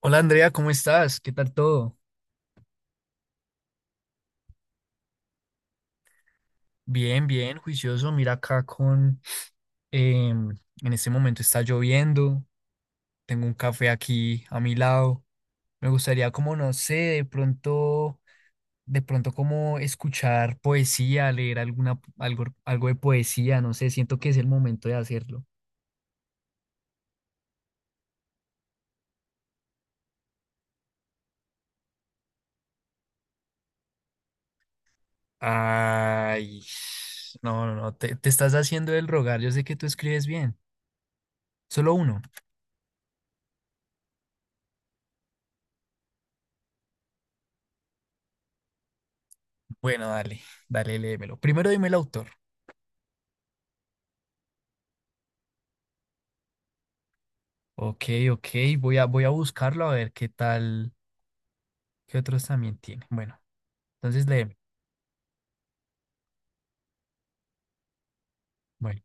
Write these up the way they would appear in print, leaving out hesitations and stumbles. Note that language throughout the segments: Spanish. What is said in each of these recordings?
Hola Andrea, ¿cómo estás? ¿Qué tal todo? Bien, bien, juicioso. Mira acá con... em, en este momento está lloviendo, tengo un café aquí a mi lado. Me gustaría como, no sé, de pronto como escuchar poesía, leer alguna, algo de poesía, no sé, siento que es el momento de hacerlo. Ay, no, no, no, te estás haciendo el rogar, yo sé que tú escribes bien. Solo uno. Bueno, dale, dale, léemelo. Primero dime el autor. Ok, ok, voy a buscarlo a ver qué tal, qué otros también tiene. Bueno, entonces léeme. Bueno,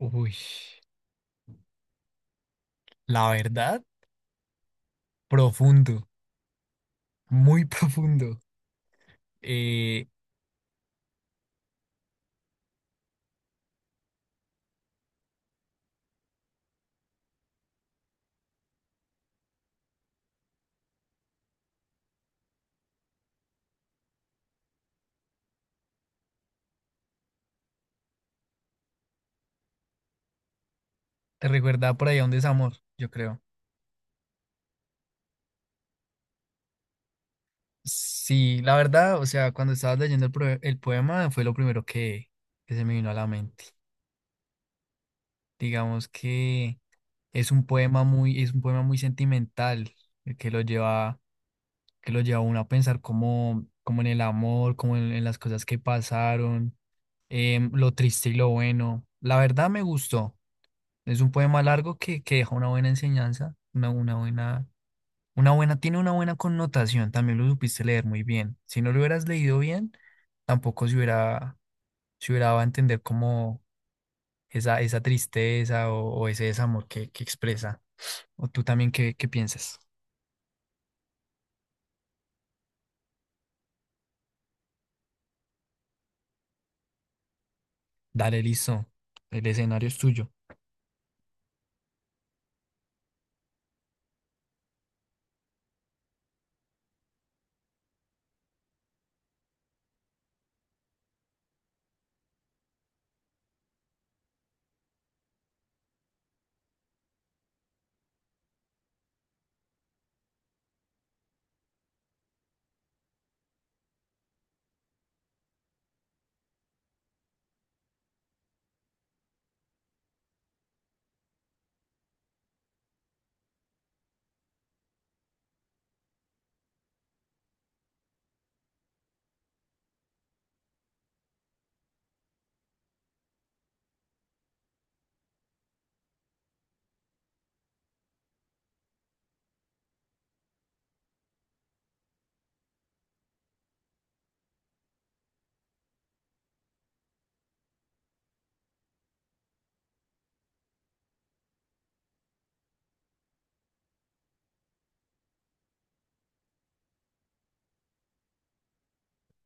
uy, la verdad, profundo, muy profundo. Eh, te recuerda por ahí a un desamor, yo creo. Sí, la verdad, o sea, cuando estabas leyendo el poema fue lo primero que se me vino a la mente. Digamos que es un poema muy sentimental, eh, que lo lleva que lo lleva a uno a pensar como, como en el amor, en las cosas que pasaron, lo triste y lo bueno. La verdad me gustó. Es un poema largo que deja una buena enseñanza, una buena, tiene una buena connotación. También lo supiste leer muy bien. Si no lo hubieras leído bien, tampoco se hubiera, se hubiera dado a entender como esa tristeza o ese desamor que expresa. O tú también, ¿ qué piensas? Dale, listo. El escenario es tuyo.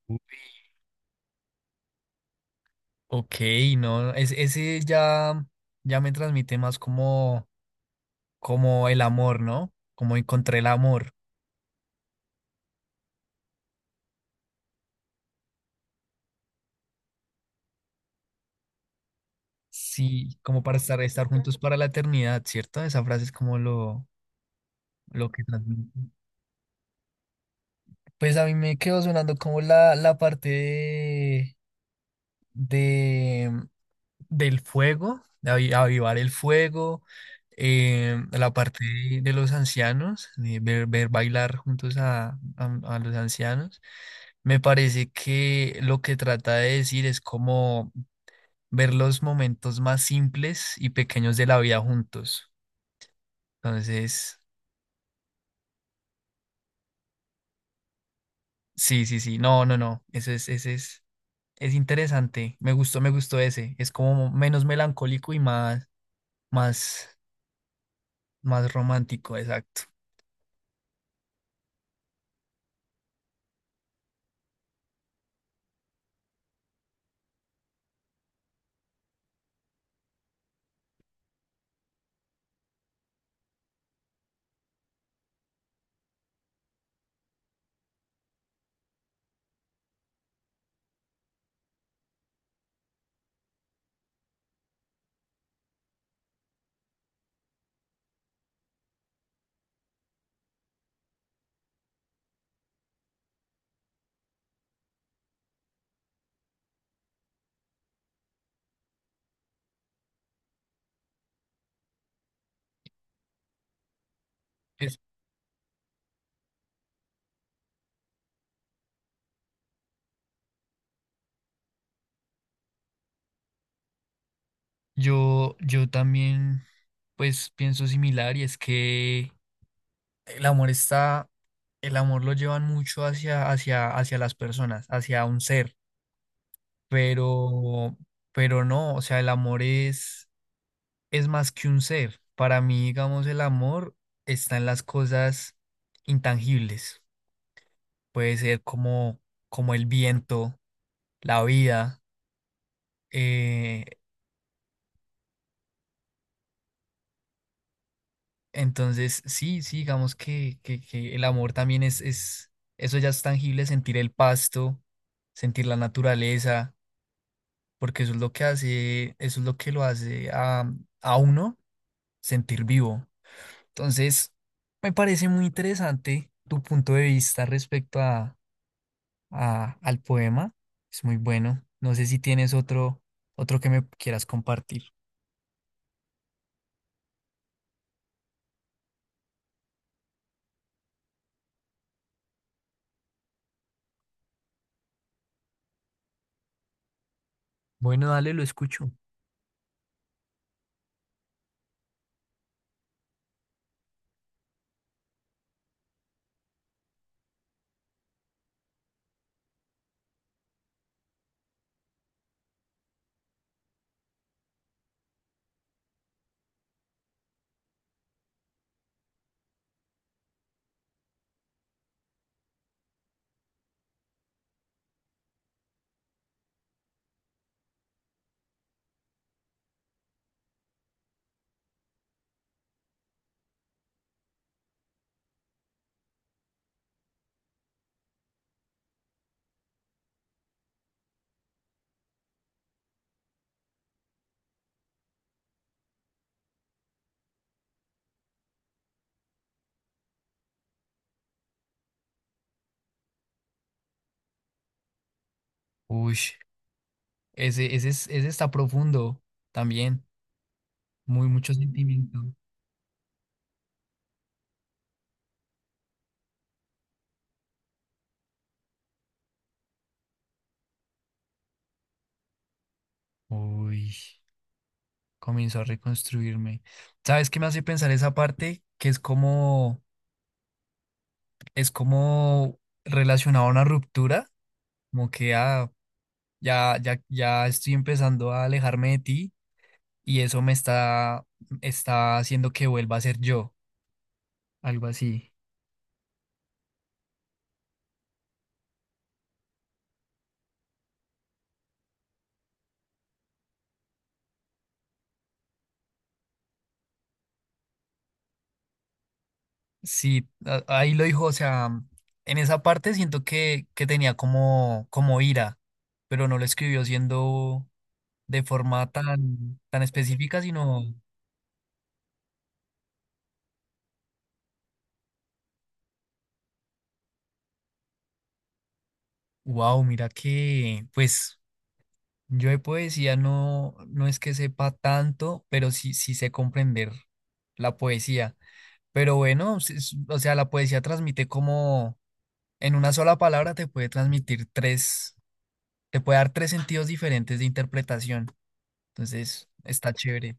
Uy, ok, no, es- ese ya, ya me transmite más como, como el amor, ¿no? Como encontré el amor. Sí, como para estar juntos para la eternidad, ¿cierto? Esa frase es como lo que transmite. Pues a mí me quedó sonando como la parte de, del fuego, de avivar el fuego, la parte de los ancianos, de ver bailar juntos a los ancianos. Me parece que lo que trata de decir es como ver los momentos más simples y pequeños de la vida juntos. Entonces, sí, sí, sí, no, no, no, ese es interesante. Me gustó ese. Es como menos melancólico y más, más, más romántico, exacto. Yo también, pues pienso similar y es que el amor está, el amor lo llevan mucho hacia las personas, hacia un ser, pero, pero no, o sea, es más que un ser. Para mí, digamos, el amor está en las cosas intangibles. Puede ser como, como el viento, la vida, eh, entonces, sí, sí, digamos que el amor también es eso ya es tangible, sentir el pasto, sentir la naturaleza, porque eso es lo que lo hace a uno sentir vivo. Entonces, me parece muy interesante tu punto de vista respecto a, al poema. Es muy bueno. No sé si tienes otro, otro que me quieras compartir. Bueno, dale, lo escucho. Uy, ese está profundo también. Muy mucho sentimiento. Uy, comenzó a reconstruirme. ¿Sabes qué me hace pensar esa parte? Que es como relacionado a una ruptura, como que ah, ya, ya, ya estoy empezando a alejarme de ti y eso me está haciendo que vuelva a ser yo, algo así. Sí, ahí lo dijo, o sea, en esa parte siento que tenía como, como ira, pero no lo escribió siendo de forma tan, tan específica, sino, wow, mira que, pues, yo de poesía no, no es que sepa tanto, pero sí, sí sé comprender la poesía. Pero bueno, o sea, la poesía transmite como, en una sola palabra te puede transmitir tres, te puede dar tres sentidos diferentes de interpretación. Entonces, está chévere.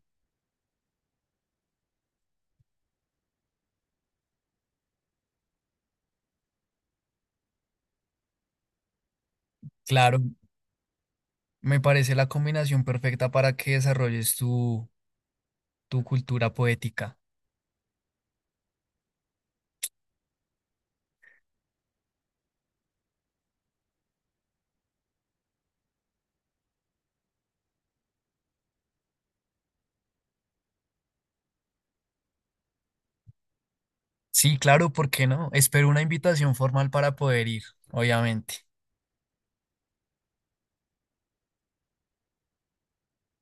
Claro, me parece la combinación perfecta para que desarrolles tu, tu cultura poética. Sí, claro, ¿por qué no? Espero una invitación formal para poder ir, obviamente.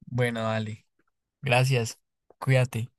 Bueno, dale. Gracias. Cuídate.